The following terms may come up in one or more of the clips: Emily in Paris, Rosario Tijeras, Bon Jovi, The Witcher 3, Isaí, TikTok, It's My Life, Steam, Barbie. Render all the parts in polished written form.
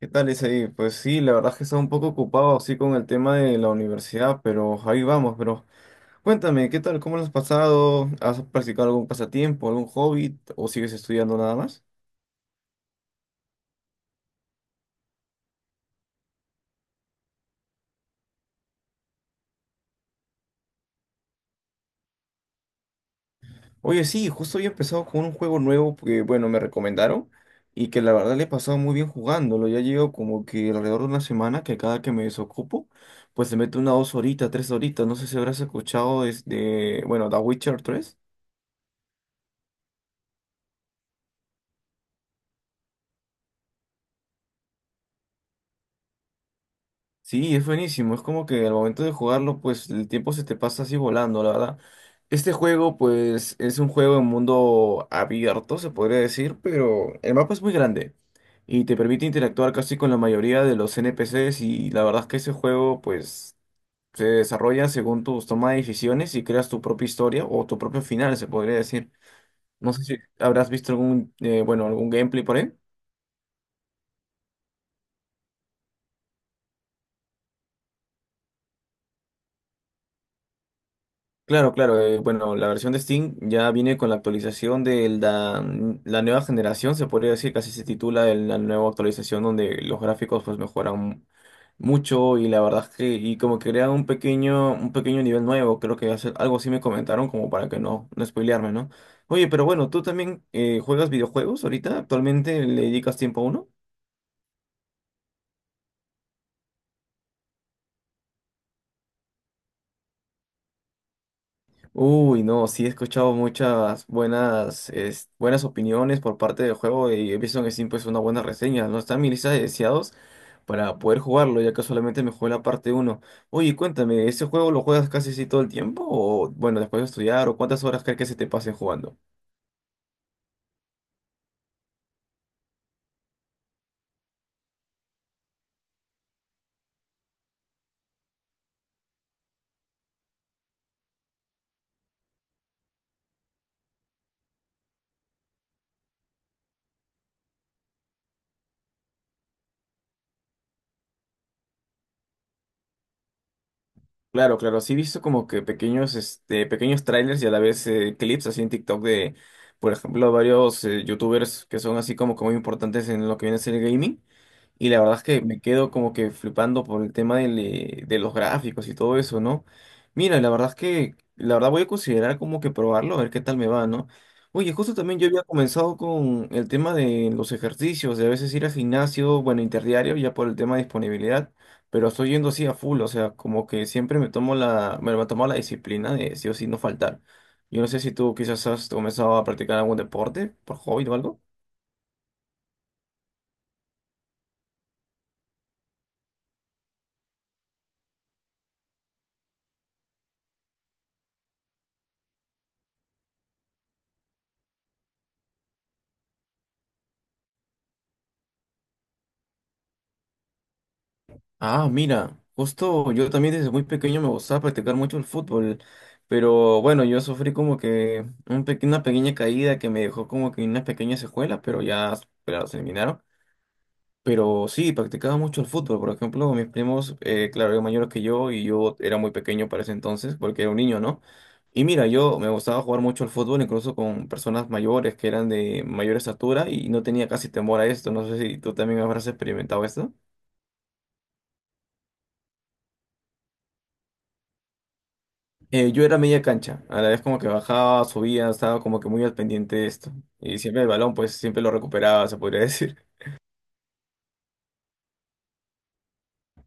¿Qué tal, Isaí? Pues sí, la verdad es que estaba un poco ocupado así con el tema de la universidad, pero ahí vamos, pero cuéntame, ¿qué tal? ¿Cómo lo has pasado? ¿Has practicado algún pasatiempo, algún hobby o sigues estudiando nada más? Oye, sí, justo había empezado con un juego nuevo que, bueno, me recomendaron y que la verdad le he pasado muy bien jugándolo. Ya llevo como que alrededor de una semana que cada que me desocupo, pues se mete una 2 horitas, 3 horitas. No sé si habrás escuchado de, bueno, The Witcher 3. Sí, es buenísimo. Es como que al momento de jugarlo, pues el tiempo se te pasa así volando, la verdad. Este juego, pues, es un juego en mundo abierto, se podría decir, pero el mapa es muy grande y te permite interactuar casi con la mayoría de los NPCs y la verdad es que ese juego, pues, se desarrolla según tus tomas de decisiones y creas tu propia historia o tu propio final, se podría decir. No sé si habrás visto bueno, algún gameplay por ahí. Claro, claro. Bueno, la versión de Steam ya viene con la actualización de la nueva generación, se podría decir, casi se titula la nueva actualización donde los gráficos pues mejoran mucho y la verdad es que y como que crea un pequeño nivel nuevo, creo que algo así me comentaron como para que no spoilearme, ¿no? Oye, pero bueno, ¿tú también juegas videojuegos ahorita, actualmente le dedicas tiempo a uno? Uy, no, sí he escuchado muchas buenas, buenas opiniones por parte del juego y he visto que sí, pues una buena reseña, ¿no? Está en mi lista de deseados para poder jugarlo, ya que solamente me jugué la parte uno. Oye, cuéntame, ¿ese juego lo juegas casi así todo el tiempo? O bueno, después de estudiar, ¿o cuántas horas crees que se te pasen jugando? Claro, claro, sí he visto como que pequeños trailers y a la vez clips así en TikTok de, por ejemplo, varios youtubers que son así como que muy importantes en lo que viene a ser el gaming. Y la verdad es que me quedo como que flipando por el tema de los gráficos y todo eso, ¿no? Mira, la verdad es que, la verdad voy a considerar como que probarlo, a ver qué tal me va, ¿no? Oye, justo también yo había comenzado con el tema de los ejercicios, de a veces ir al gimnasio, bueno, interdiario, ya por el tema de disponibilidad, pero estoy yendo así a full, o sea, como que siempre me tomo la disciplina de sí o sí no faltar. Yo no sé si tú quizás has comenzado a practicar algún deporte por hobby o algo. Ah, mira, justo yo también desde muy pequeño me gustaba practicar mucho el fútbol, pero bueno, yo sufrí como que una pequeña caída que me dejó como que unas pequeñas secuelas, pero ya, claro, se eliminaron. Pero sí, practicaba mucho el fútbol, por ejemplo, mis primos, claro, eran mayores que yo y yo era muy pequeño para ese entonces, porque era un niño, ¿no? Y mira, yo me gustaba jugar mucho el fútbol, incluso con personas mayores que eran de mayor estatura y no tenía casi temor a esto, no sé si tú también habrás experimentado esto. Yo era media cancha, a la vez como que bajaba, subía, estaba como que muy al pendiente de esto. Y siempre el balón, pues siempre lo recuperaba, se podría decir.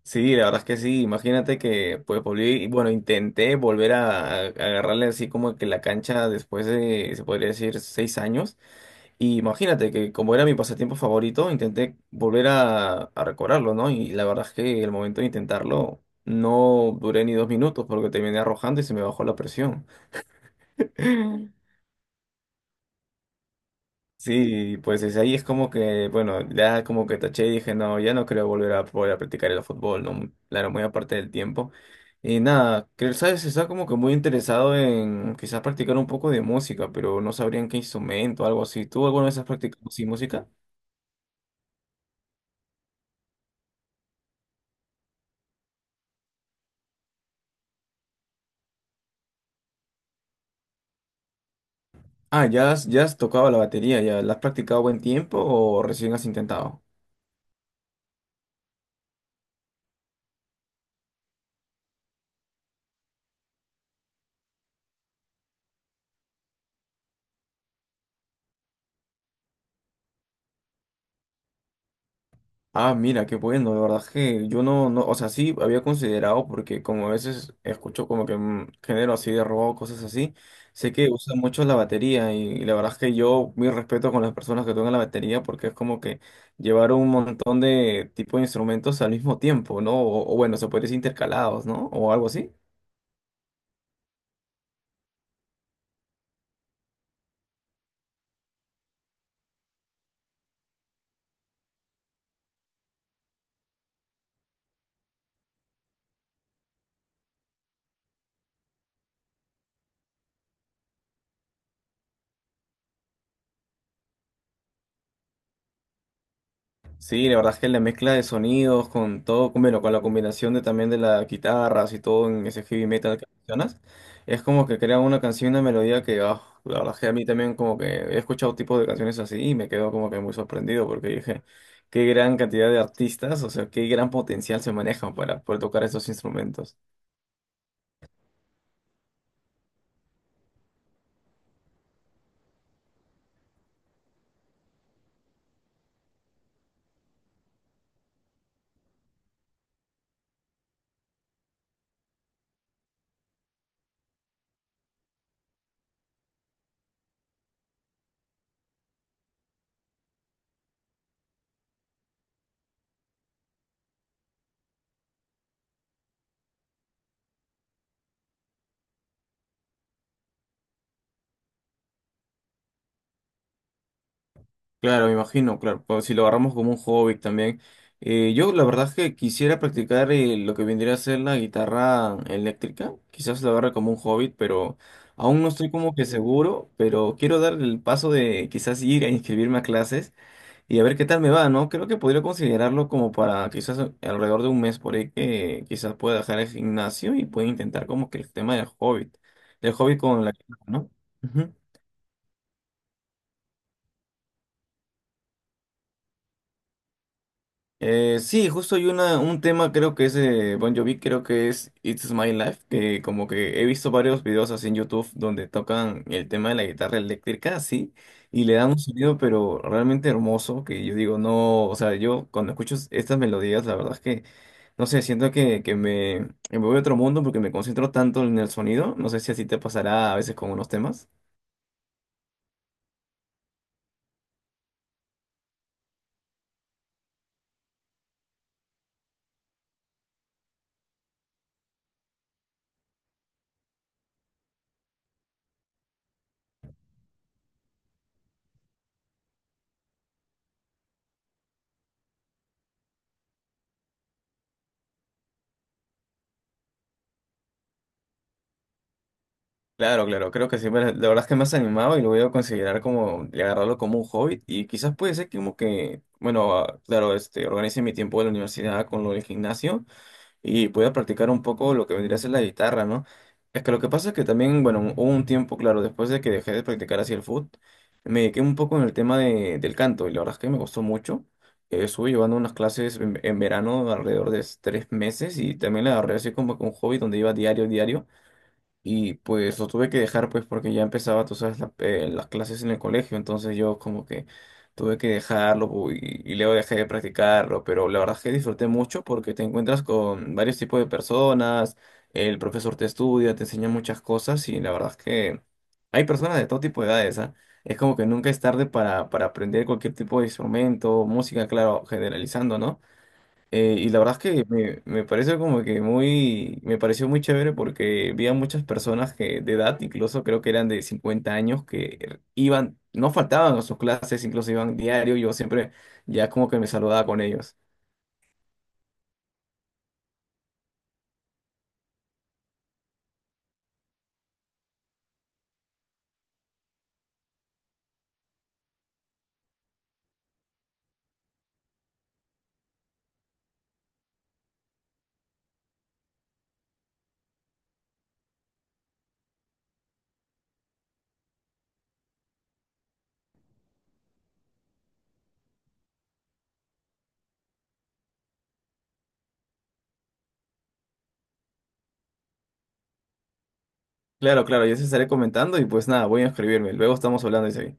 Sí, la verdad es que sí, imagínate que pues volví, y bueno, intenté volver a agarrarle así como que la cancha después de, se podría decir, 6 años. Y imagínate que como era mi pasatiempo favorito, intenté volver a recobrarlo, ¿no? Y la verdad es que el momento de intentarlo no duré ni 2 minutos porque terminé arrojando y se me bajó la presión. Sí, pues desde ahí es como que, bueno, ya como que taché y dije, no, ya no creo volver a practicar el fútbol, ¿no? Claro, muy aparte del tiempo. Y nada, creo, ¿sabes? Está como que muy interesado en quizás practicar un poco de música, pero no sabrían qué instrumento, algo así. ¿Tú alguna vez has practicado sí, música? Ah, ya has tocado la batería, ¿ya la has practicado buen tiempo o recién has intentado? Ah, mira, qué bueno, de verdad que yo no, no, o sea, sí había considerado, porque como a veces escucho como que género así de rock, cosas así, sé que, ujú, usan mucho la batería y, la verdad es que yo mi respeto con las personas que tocan la batería porque es como que llevar un montón de tipo de instrumentos al mismo tiempo, ¿no? O bueno, se puede decir intercalados, ¿no? O algo así. Sí, la verdad es que la mezcla de sonidos con todo, bueno, con la combinación de también de las guitarras y todo en ese heavy metal que mencionas, es como que crea una canción, una melodía que, ah, la verdad es que a mí también como que he escuchado tipos de canciones así y me quedo como que muy sorprendido porque dije, qué gran cantidad de artistas, o sea, qué gran potencial se manejan para poder tocar esos instrumentos. Claro, me imagino, claro, pues, si lo agarramos como un hobby también. Yo la verdad es que quisiera practicar lo que vendría a ser la guitarra eléctrica, quizás la agarre como un hobby, pero aún no estoy como que seguro, pero quiero dar el paso de quizás ir a inscribirme a clases y a ver qué tal me va, ¿no? Creo que podría considerarlo como para quizás alrededor de un mes por ahí que quizás pueda dejar el gimnasio y pueda intentar como que el tema del hobby con la guitarra, ¿no? Ujú. Sí, justo hay un tema, creo que es de Bon Jovi, creo que es It's My Life, que como que he visto varios videos así en YouTube donde tocan el tema de la guitarra eléctrica, así, y le dan un sonido pero realmente hermoso, que yo digo, no, o sea, yo cuando escucho estas melodías, la verdad es que, no sé, siento que, que me voy a otro mundo porque me concentro tanto en el sonido, no sé si así te pasará a veces con unos temas. Claro, claro, creo que sí, pero la verdad es que me has animado y lo voy a considerar como, y agarrarlo como un hobby y quizás puede ser como que, bueno, claro, organice mi tiempo de la universidad con lo del gimnasio y pueda practicar un poco lo que vendría a ser la guitarra, ¿no? Es que lo que pasa es que también, bueno, hubo un tiempo, claro, después de que dejé de practicar así el foot, me dediqué un poco en el tema del canto y la verdad es que me gustó mucho. Estuve llevando unas clases en, verano alrededor de 3 meses y también la agarré así como que un hobby donde iba diario, diario. Y pues lo tuve que dejar pues porque ya empezaba, tú sabes, las clases en el colegio, entonces yo como que tuve que dejarlo y luego dejé de practicarlo, pero la verdad es que disfruté mucho porque te encuentras con varios tipos de personas, el profesor te estudia, te enseña muchas cosas y la verdad es que hay personas de todo tipo de edades, ¿ah? Es como que nunca es tarde para, aprender cualquier tipo de instrumento, música, claro, generalizando, ¿no? Y la verdad es que me parece como que me pareció muy chévere porque vi a muchas personas que de edad, incluso creo que eran de 50 años, que iban, no faltaban a sus clases, incluso iban diario, yo siempre ya como que me saludaba con ellos. Claro, claro, yo se estaré comentando y pues nada, voy a inscribirme, luego estamos hablando de eso.